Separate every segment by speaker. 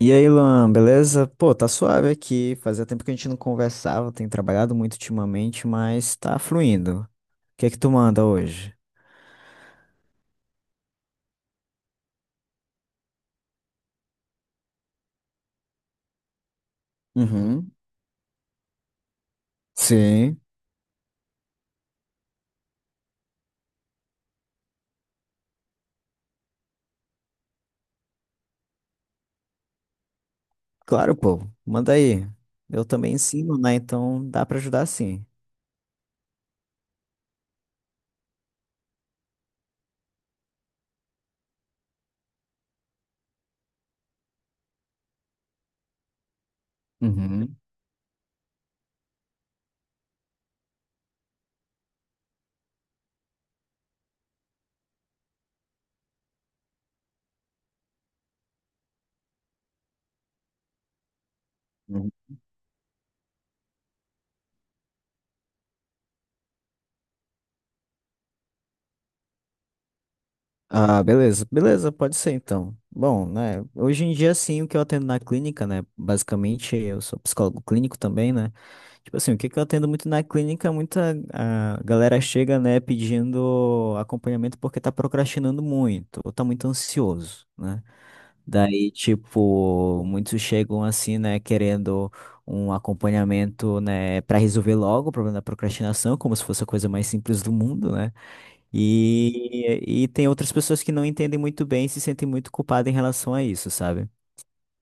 Speaker 1: E aí, Luan, beleza? Pô, tá suave aqui. Fazia tempo que a gente não conversava, tenho trabalhado muito ultimamente, mas tá fluindo. O que é que tu manda hoje? Uhum. Sim, claro, pô. Manda aí. Eu também ensino, né? Então dá pra ajudar sim. Uhum. Ah, beleza, beleza, pode ser então. Bom, né, hoje em dia, sim, o que eu atendo na clínica, né, basicamente, eu sou psicólogo clínico também, né, tipo assim, o que que eu atendo muito na clínica, muita a galera chega, né, pedindo acompanhamento porque tá procrastinando muito, ou tá muito ansioso, né, daí, tipo, muitos chegam assim, né, querendo um acompanhamento, né, para resolver logo o problema da procrastinação, como se fosse a coisa mais simples do mundo, né, e tem outras pessoas que não entendem muito bem e se sentem muito culpadas em relação a isso, sabe?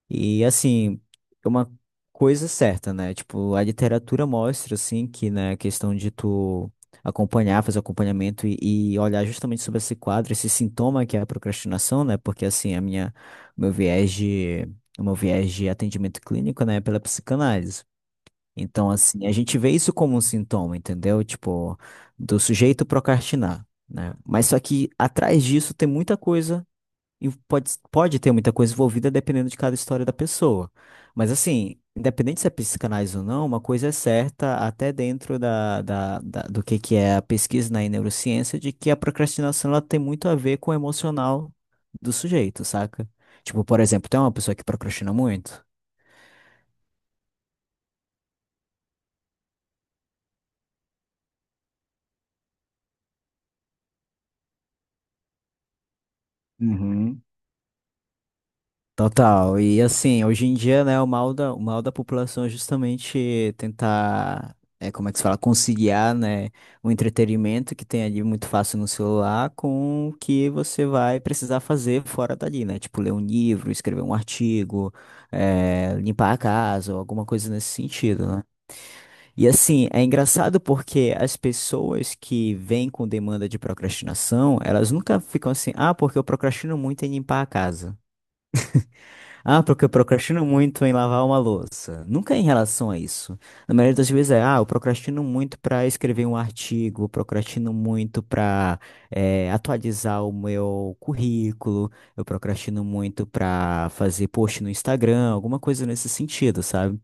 Speaker 1: E assim, é uma coisa certa, né? Tipo, a literatura mostra, assim, que na questão de tu acompanhar, fazer acompanhamento e olhar justamente sobre esse quadro, esse sintoma que é a procrastinação, né? Porque assim, o meu viés de, o meu viés de atendimento clínico, né, é pela psicanálise. Então, assim, a gente vê isso como um sintoma, entendeu? Tipo, do sujeito procrastinar, né? Mas só que atrás disso tem muita coisa, e pode ter muita coisa envolvida dependendo de cada história da pessoa. Mas, assim, independente se é psicanálise ou não, uma coisa é certa, até dentro do que é a pesquisa na neurociência, de que a procrastinação ela tem muito a ver com o emocional do sujeito, saca? Tipo, por exemplo, tem uma pessoa que procrastina muito. Total. E assim, hoje em dia, né, o mal da população é justamente tentar, é, como é que se fala, conciliar, né, o entretenimento que tem ali muito fácil no celular com o que você vai precisar fazer fora dali, né? Tipo, ler um livro, escrever um artigo, é, limpar a casa ou alguma coisa nesse sentido, né? E assim, é engraçado porque as pessoas que vêm com demanda de procrastinação, elas nunca ficam assim, ah, porque eu procrastino muito em limpar a casa. Ah, porque eu procrastino muito em lavar uma louça. Nunca é em relação a isso. Na maioria das vezes é, ah, eu procrastino muito para escrever um artigo, procrastino muito para atualizar o meu currículo, eu procrastino muito para fazer post no Instagram, alguma coisa nesse sentido, sabe?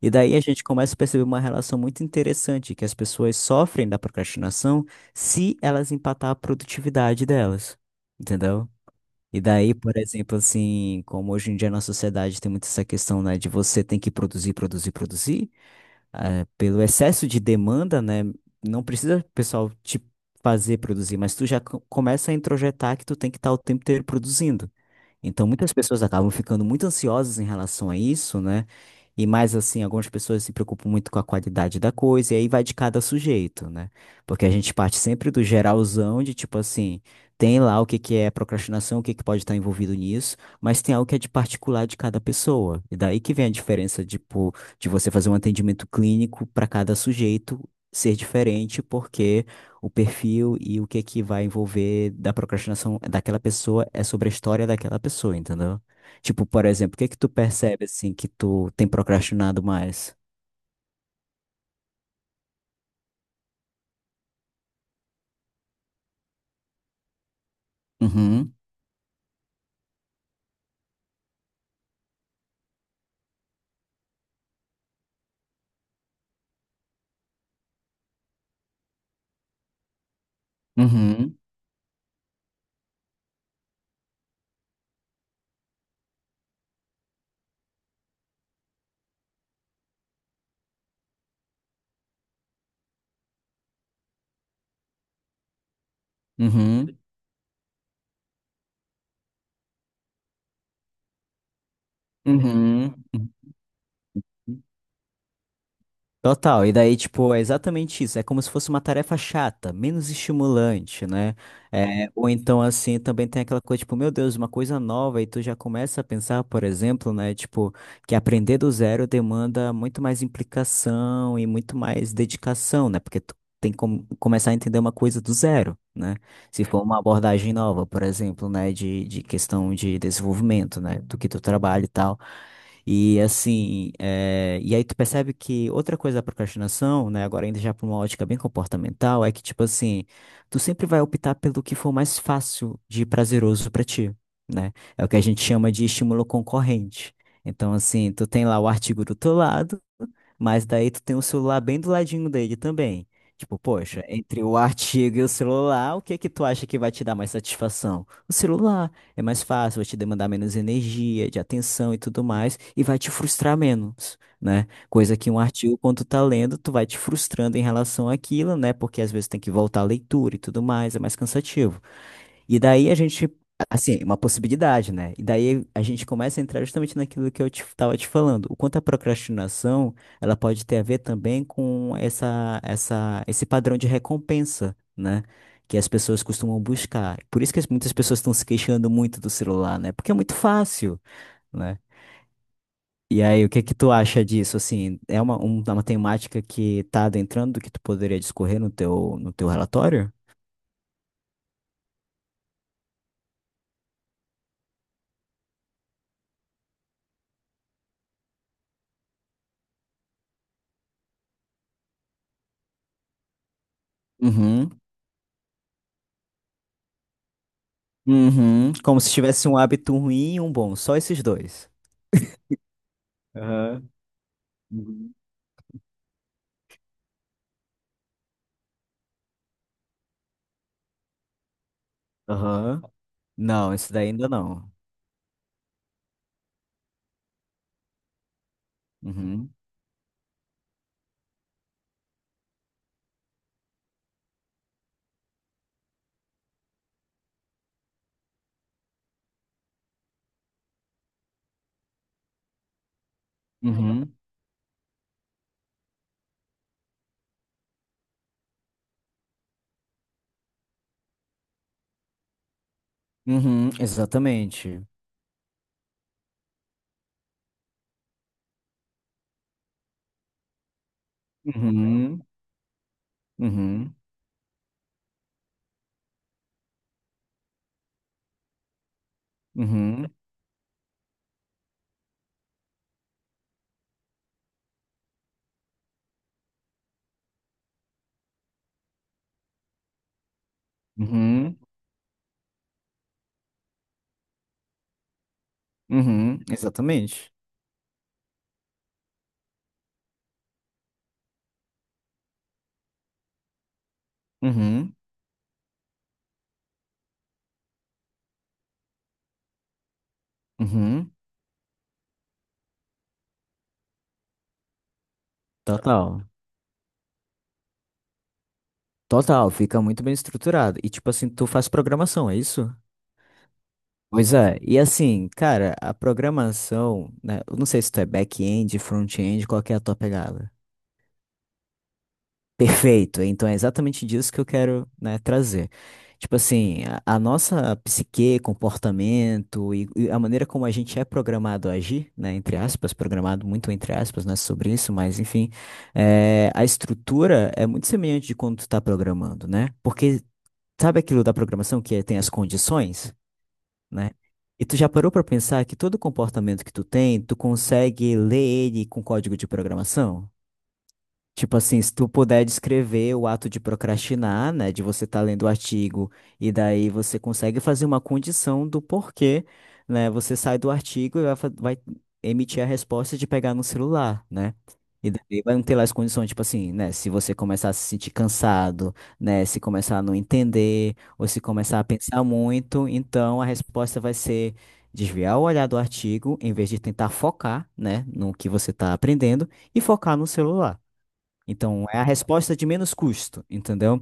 Speaker 1: E daí a gente começa a perceber uma relação muito interessante, que as pessoas sofrem da procrastinação se elas empatar a produtividade delas. Entendeu? E daí, por exemplo, assim, como hoje em dia na sociedade tem muito essa questão, né, de você tem que produzir, produzir, produzir, pelo excesso de demanda, né, não precisa o pessoal te fazer produzir, mas tu já começa a introjetar que tu tem que estar o tempo inteiro produzindo. Então, muitas pessoas acabam ficando muito ansiosas em relação a isso, né? E mais assim, algumas pessoas se preocupam muito com a qualidade da coisa, e aí vai de cada sujeito, né? Porque a gente parte sempre do geralzão de tipo assim, tem lá o que que é procrastinação, o que que pode estar envolvido nisso, mas tem algo que é de particular de cada pessoa. E daí que vem a diferença, tipo, de você fazer um atendimento clínico para cada sujeito ser diferente, porque o perfil e o que é que vai envolver da procrastinação daquela pessoa é sobre a história daquela pessoa, entendeu? Tipo, por exemplo, o que é que tu percebe assim que tu tem procrastinado mais? Uhum, uhum, uhum, uhum. Uhum. Total, e daí, tipo, é exatamente isso. É como se fosse uma tarefa chata, menos estimulante, né? É, ou então, assim, também tem aquela coisa, tipo, meu Deus, uma coisa nova, e tu já começa a pensar, por exemplo, né? Tipo, que aprender do zero demanda muito mais implicação e muito mais dedicação, né? Porque tu tem que começar a entender uma coisa do zero, né? Se for uma abordagem nova, por exemplo, né? De questão de desenvolvimento, né? Do que tu trabalha e tal. E assim, é, e aí tu percebe que outra coisa da procrastinação, né, agora ainda já para uma ótica bem comportamental, é que tipo assim, tu sempre vai optar pelo que for mais fácil de prazeroso para ti, né? É o que a gente chama de estímulo concorrente. Então assim, tu tem lá o artigo do teu lado, mas daí tu tem o celular bem do ladinho dele também. Tipo, poxa, entre o artigo e o celular, o que que tu acha que vai te dar mais satisfação? O celular. É mais fácil, vai te demandar menos energia, de atenção e tudo mais, e vai te frustrar menos, né? Coisa que um artigo, quando tu tá lendo, tu vai te frustrando em relação àquilo, né? Porque às vezes tem que voltar à leitura e tudo mais, é mais cansativo. E daí a gente, assim, uma possibilidade, né? E daí a gente começa a entrar justamente naquilo que eu tava te falando. O quanto a procrastinação, ela pode ter a ver também com esse padrão de recompensa, né? Que as pessoas costumam buscar. Por isso que muitas pessoas estão se queixando muito do celular, né? Porque é muito fácil, né? E aí, o que que tu acha disso? Assim, é uma temática que tá adentrando que tu poderia discorrer no teu relatório? Uhum. Uhum, como se tivesse um hábito ruim e um bom, só esses dois. Aham. Uhum. Aham. Não, esse daí ainda não. Uhum. Uhum. Uhum. Exatamente. Uhum. Uhum. Uhum. Uhum. Uhum. Exatamente. Uhum. Uhum. Total. Total, fica muito bem estruturado. E tipo assim, tu faz programação, é isso? Pois é, e assim, cara, a programação, né? Eu não sei se tu é back-end, front-end, qual que é a tua pegada? Perfeito. Então é exatamente disso que eu quero, né, trazer. Tipo assim, a nossa psique, comportamento e a maneira como a gente é programado a agir, né, entre aspas, programado muito entre aspas, né, sobre isso, mas enfim, é, a estrutura é muito semelhante de quando tu tá programando, né? Porque sabe aquilo da programação que tem as condições, né? E tu já parou pra pensar que todo comportamento que tu tem, tu consegue ler ele com código de programação? Tipo assim, se tu puder descrever o ato de procrastinar, né, de você estar lendo o artigo e daí você consegue fazer uma condição do porquê, né, você sai do artigo e vai emitir a resposta de pegar no celular, né? E daí vai não ter lá as condições, tipo assim, né, se você começar a se sentir cansado, né, se começar a não entender ou se começar a pensar muito, então a resposta vai ser desviar o olhar do artigo em vez de tentar focar, né, no que você está aprendendo e focar no celular. Então, é a resposta de menos custo, entendeu?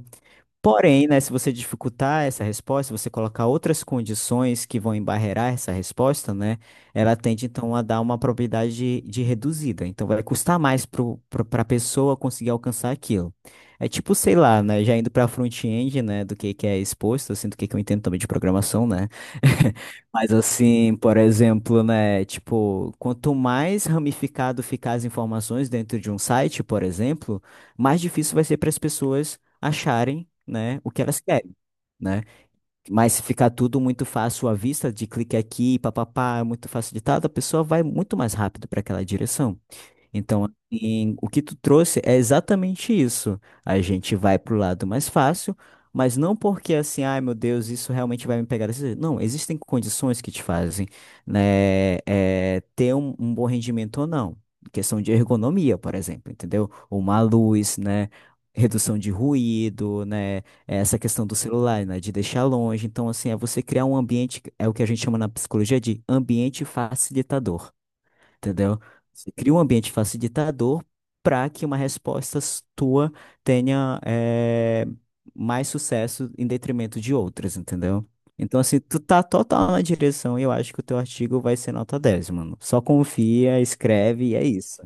Speaker 1: Porém, né, se você dificultar essa resposta, se você colocar outras condições que vão embarrear essa resposta, né, ela tende então a dar uma probabilidade de reduzida. Então vai custar mais para a pessoa conseguir alcançar aquilo. É tipo, sei lá, né, já indo para front-end, né, do que é exposto, assim, do que eu entendo também de programação, né? Mas assim, por exemplo, né, tipo, quanto mais ramificado ficar as informações dentro de um site, por exemplo, mais difícil vai ser para as pessoas acharem, né, o que elas querem, né? Mas se ficar tudo muito fácil à vista, de clique aqui, papapá, é muito facilitado, a pessoa vai muito mais rápido para aquela direção. Então, assim, o que tu trouxe é exatamente isso. A gente vai pro lado mais fácil, mas não porque assim, ai meu Deus, isso realmente vai me pegar desse jeito. Não, existem condições que te fazem, né, é, ter um, um bom rendimento ou não. Questão de ergonomia, por exemplo, entendeu? Uma luz, né? Redução de ruído, né? É, essa questão do celular, né? De deixar longe. Então, assim, é você criar um ambiente, é o que a gente chama na psicologia de ambiente facilitador. Entendeu? Você cria um ambiente facilitador para que uma resposta tua tenha eh, mais sucesso em detrimento de outras, entendeu? Então, assim, tu tá total na direção e eu acho que o teu artigo vai ser nota 10, mano. Só confia, escreve e é isso.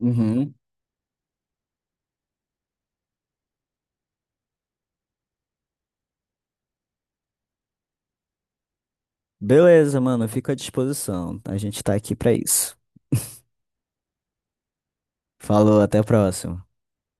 Speaker 1: Uhum. Beleza, mano, fico à disposição. A gente tá aqui pra isso. Falou, até a próxima.